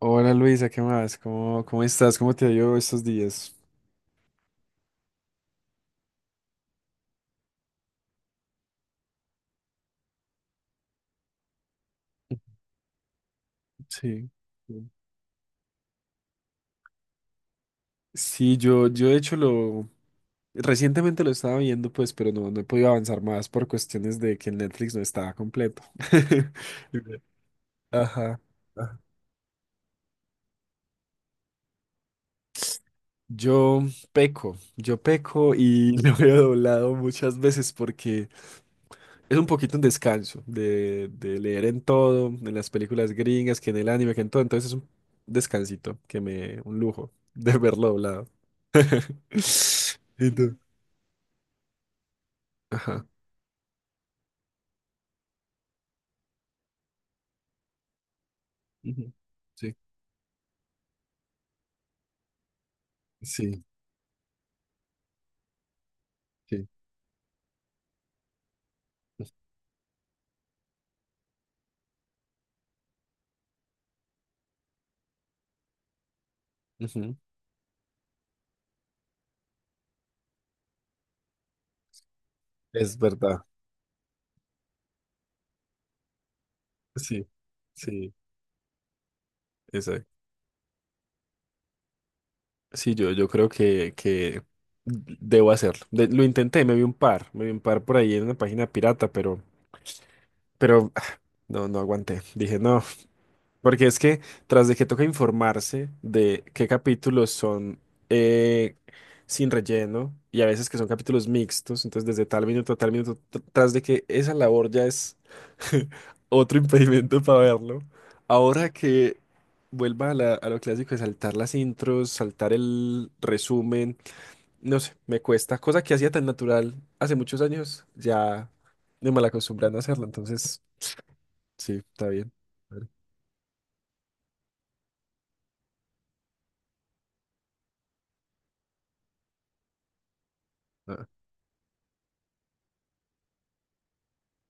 Hola Luisa, ¿qué más? ¿Cómo estás? ¿Cómo te ha ido estos días? Sí. Sí. Sí, yo de hecho lo recientemente lo estaba viendo, pues, pero no he podido avanzar más por cuestiones de que el Netflix no estaba completo. Ajá. Ajá. Yo yo peco y lo he doblado muchas veces porque es un poquito un descanso de leer en todo, en las películas gringas, que en el anime, que en todo. Entonces es un descansito, un lujo de verlo doblado. Y tú. Ajá. Ujú. Sí. Sí, sí. Ujú. Es verdad. Sí, sí, exacto. Sí, yo creo que debo hacerlo. Lo intenté, me vi un par, me vi un par por ahí en una página pirata, pero, pero ah, no aguanté. Dije, no. Porque es que tras de que toca informarse de qué capítulos son eh, sin relleno y a veces que son capítulos mixtos, entonces desde tal minuto a tal minuto, tras de que esa labor ya es otro impedimento para verlo, ahora que vuelva a lo clásico de saltar las intros, saltar el resumen, no sé, me cuesta, cosa que hacía tan natural hace muchos años, ya me mal acostumbran a no hacerlo, entonces sí, está bien. Vale. Ah.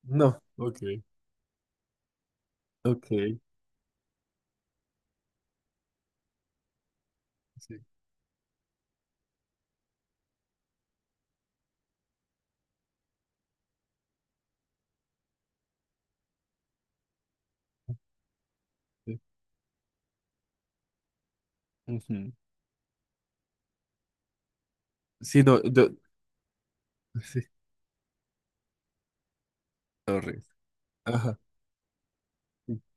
No, ok. Ok, sí, sí. Ujú. Sí, no, yo, sí, horrible. Ajá.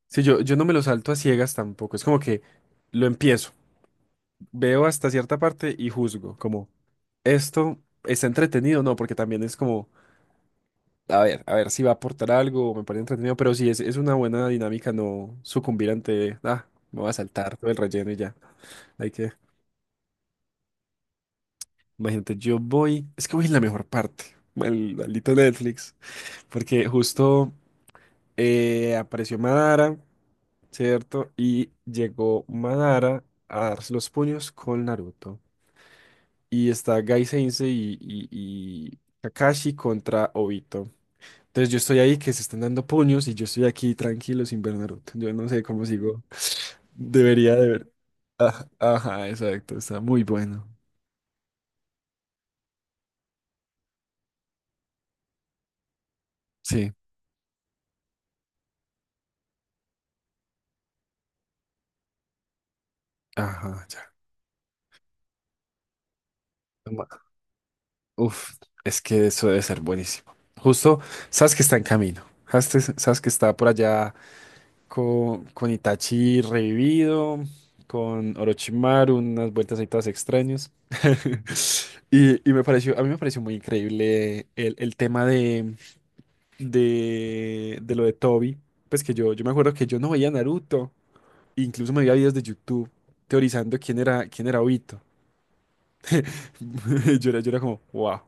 Sí, yo no me lo salto a ciegas tampoco. Es como que lo empiezo, veo hasta cierta parte y juzgo, como esto está entretenido, o no, porque también es como, a ver si va a aportar algo, o me parece entretenido, pero sí es una buena dinámica no sucumbir ante, me voy a saltar todo el relleno y ya. Hay que, imagínate, yo voy, es que voy en la mejor parte, maldito Netflix, porque justo. Apareció Madara, ¿cierto? Y llegó Madara a darse los puños con Naruto. Y está Gai Sensei y Kakashi contra Obito. Entonces yo estoy ahí que se están dando puños y yo estoy aquí tranquilo sin ver Naruto. Yo no sé cómo sigo. Debería de ver. Ajá, ajá, exacto. Está muy bueno. Sí. Ajá, ya. Ma- Uf, es que eso debe ser buenísimo. Justo, sabes que está en camino. Sabes que está por allá con Itachi revivido, con Orochimaru, unas vueltas ahí todas extrañas. A mí me pareció muy increíble el tema de lo de Tobi. Pues que yo, me acuerdo que yo no veía Naruto, incluso me veía videos de YouTube teorizando quién era Obito. Yo era como, wow.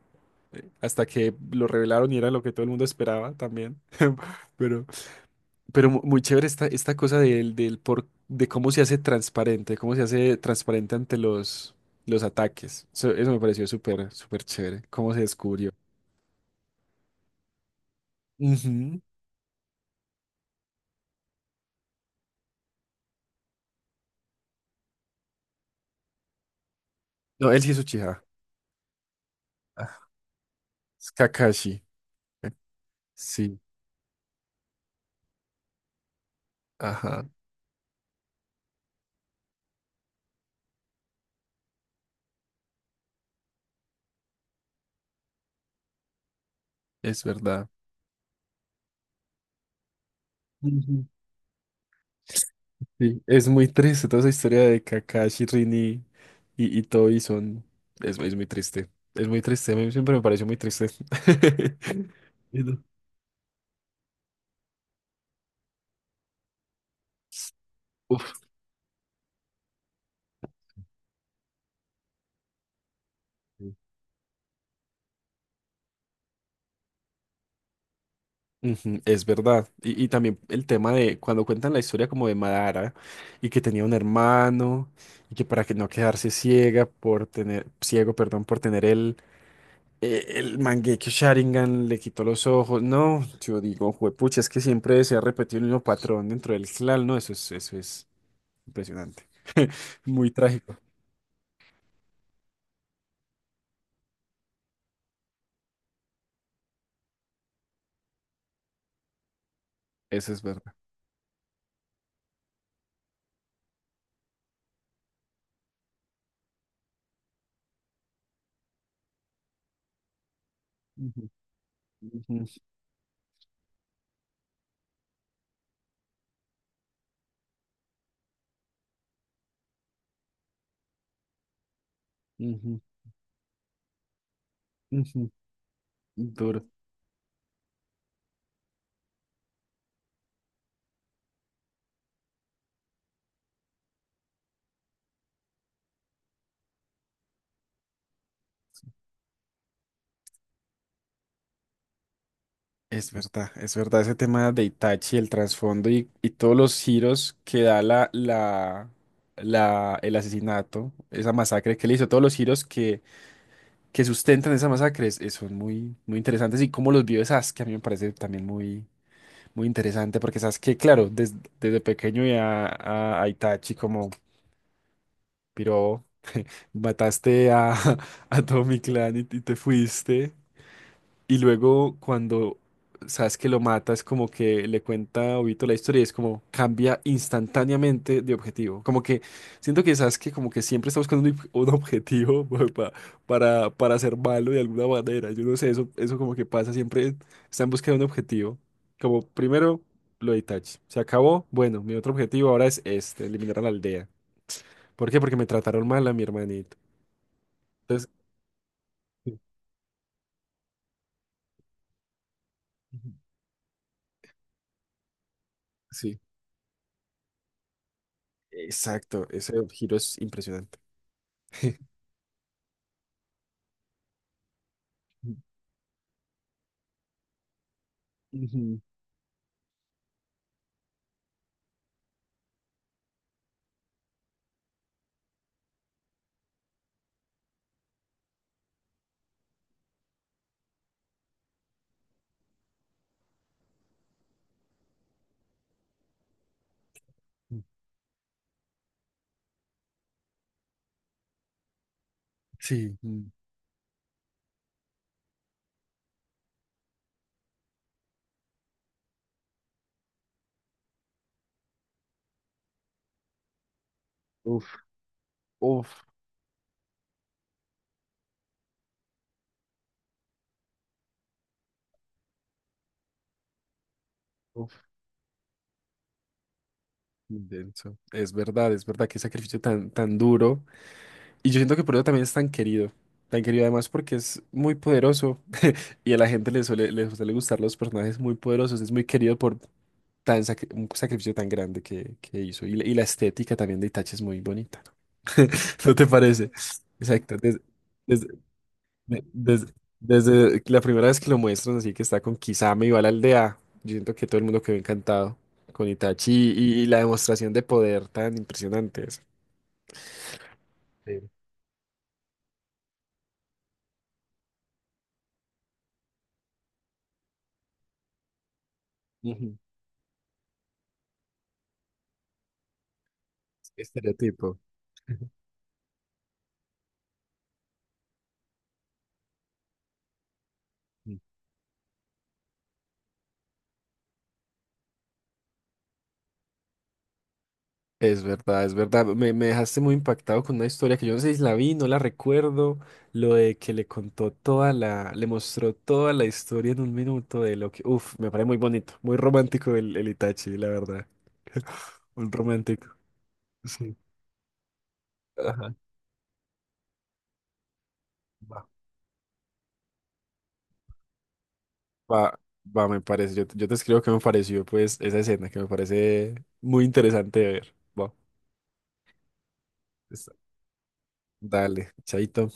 Hasta que lo revelaron y era lo que todo el mundo esperaba también. Pero, muy chévere esta cosa de cómo se hace transparente, cómo se hace transparente ante los ataques. Eso me pareció súper, súper chévere, cómo se descubrió. Ujú. No, él sí es Uchiha. Ah, es Kakashi. Eh, Sí, ajá, es verdad. Ujú. Sí, es muy triste toda esa historia de Kakashi, Rin y Tobi son... Es muy triste. Es muy triste. A mí siempre me pareció muy triste. Y no. Uf. Ujú, es verdad. También el tema de cuando cuentan la historia como de Madara y que tenía un hermano y que para que no quedarse ciega por tener, ciego, perdón, por tener el Mangekyo Sharingan le quitó los ojos. No, yo digo, juepucha, es que siempre se ha repetido el mismo patrón dentro del clan, ¿no? Eso es impresionante. Muy trágico. Eso es verdad. Ujú, ujú, ujú, ujú. Duro. Es verdad, ese tema de Itachi, el trasfondo todos los giros que da el asesinato, esa masacre que le hizo, todos los giros que sustentan esa masacre son muy, muy interesantes y cómo los vive Sasuke a mí me parece también muy, muy interesante porque Sasuke, claro, desde pequeño ya a Itachi como, piro, mataste a, a todo mi clan te fuiste. Y luego cuando sabes que lo mata, es como que le cuenta a Obito la historia y es como cambia instantáneamente de objetivo. Como que siento que sabes que como que siempre está buscando un objetivo pa- para ser malo de alguna manera. Yo no sé, eso como que pasa, siempre está en busca de un objetivo. Como primero lo de Itachi. Se acabó, bueno, mi otro objetivo ahora es este, eliminar a la aldea. ¿Por qué? Porque me trataron mal a mi hermanito. Entonces. Ujú. Sí. Exacto, ese giro es impresionante. Ujú. Sí, mm, uf, uf, uf, muy denso. Es verdad, que sacrificio tan, tan duro. Y yo siento que por eso también es tan querido. Tan querido además porque es muy poderoso y a la gente le suele, gustar los personajes muy poderosos. Es muy querido por un sacrificio tan grande que hizo. Y la estética también de Itachi es muy bonita, ¿no? ¿No te parece? Exacto. Des- De- des- Desde la primera vez que lo muestran, así que está con Kisame y va a la aldea, yo siento que todo el mundo quedó encantado con Itachi la demostración de poder tan impresionante. Esa. Sí. Ujú. Estereotipo. Mm. Es verdad, es verdad. Me dejaste muy impactado con una historia que yo no sé si la vi, no la recuerdo. Lo de que le contó toda la, le mostró toda la historia en un minuto de lo que, uf, me parece muy bonito, muy romántico el Itachi, la verdad. Un romántico. Sí. Ajá. Va, va, me parece. Yo te escribo qué me pareció, pues, esa escena que me parece muy interesante de ver. Va, está- dale, chaito.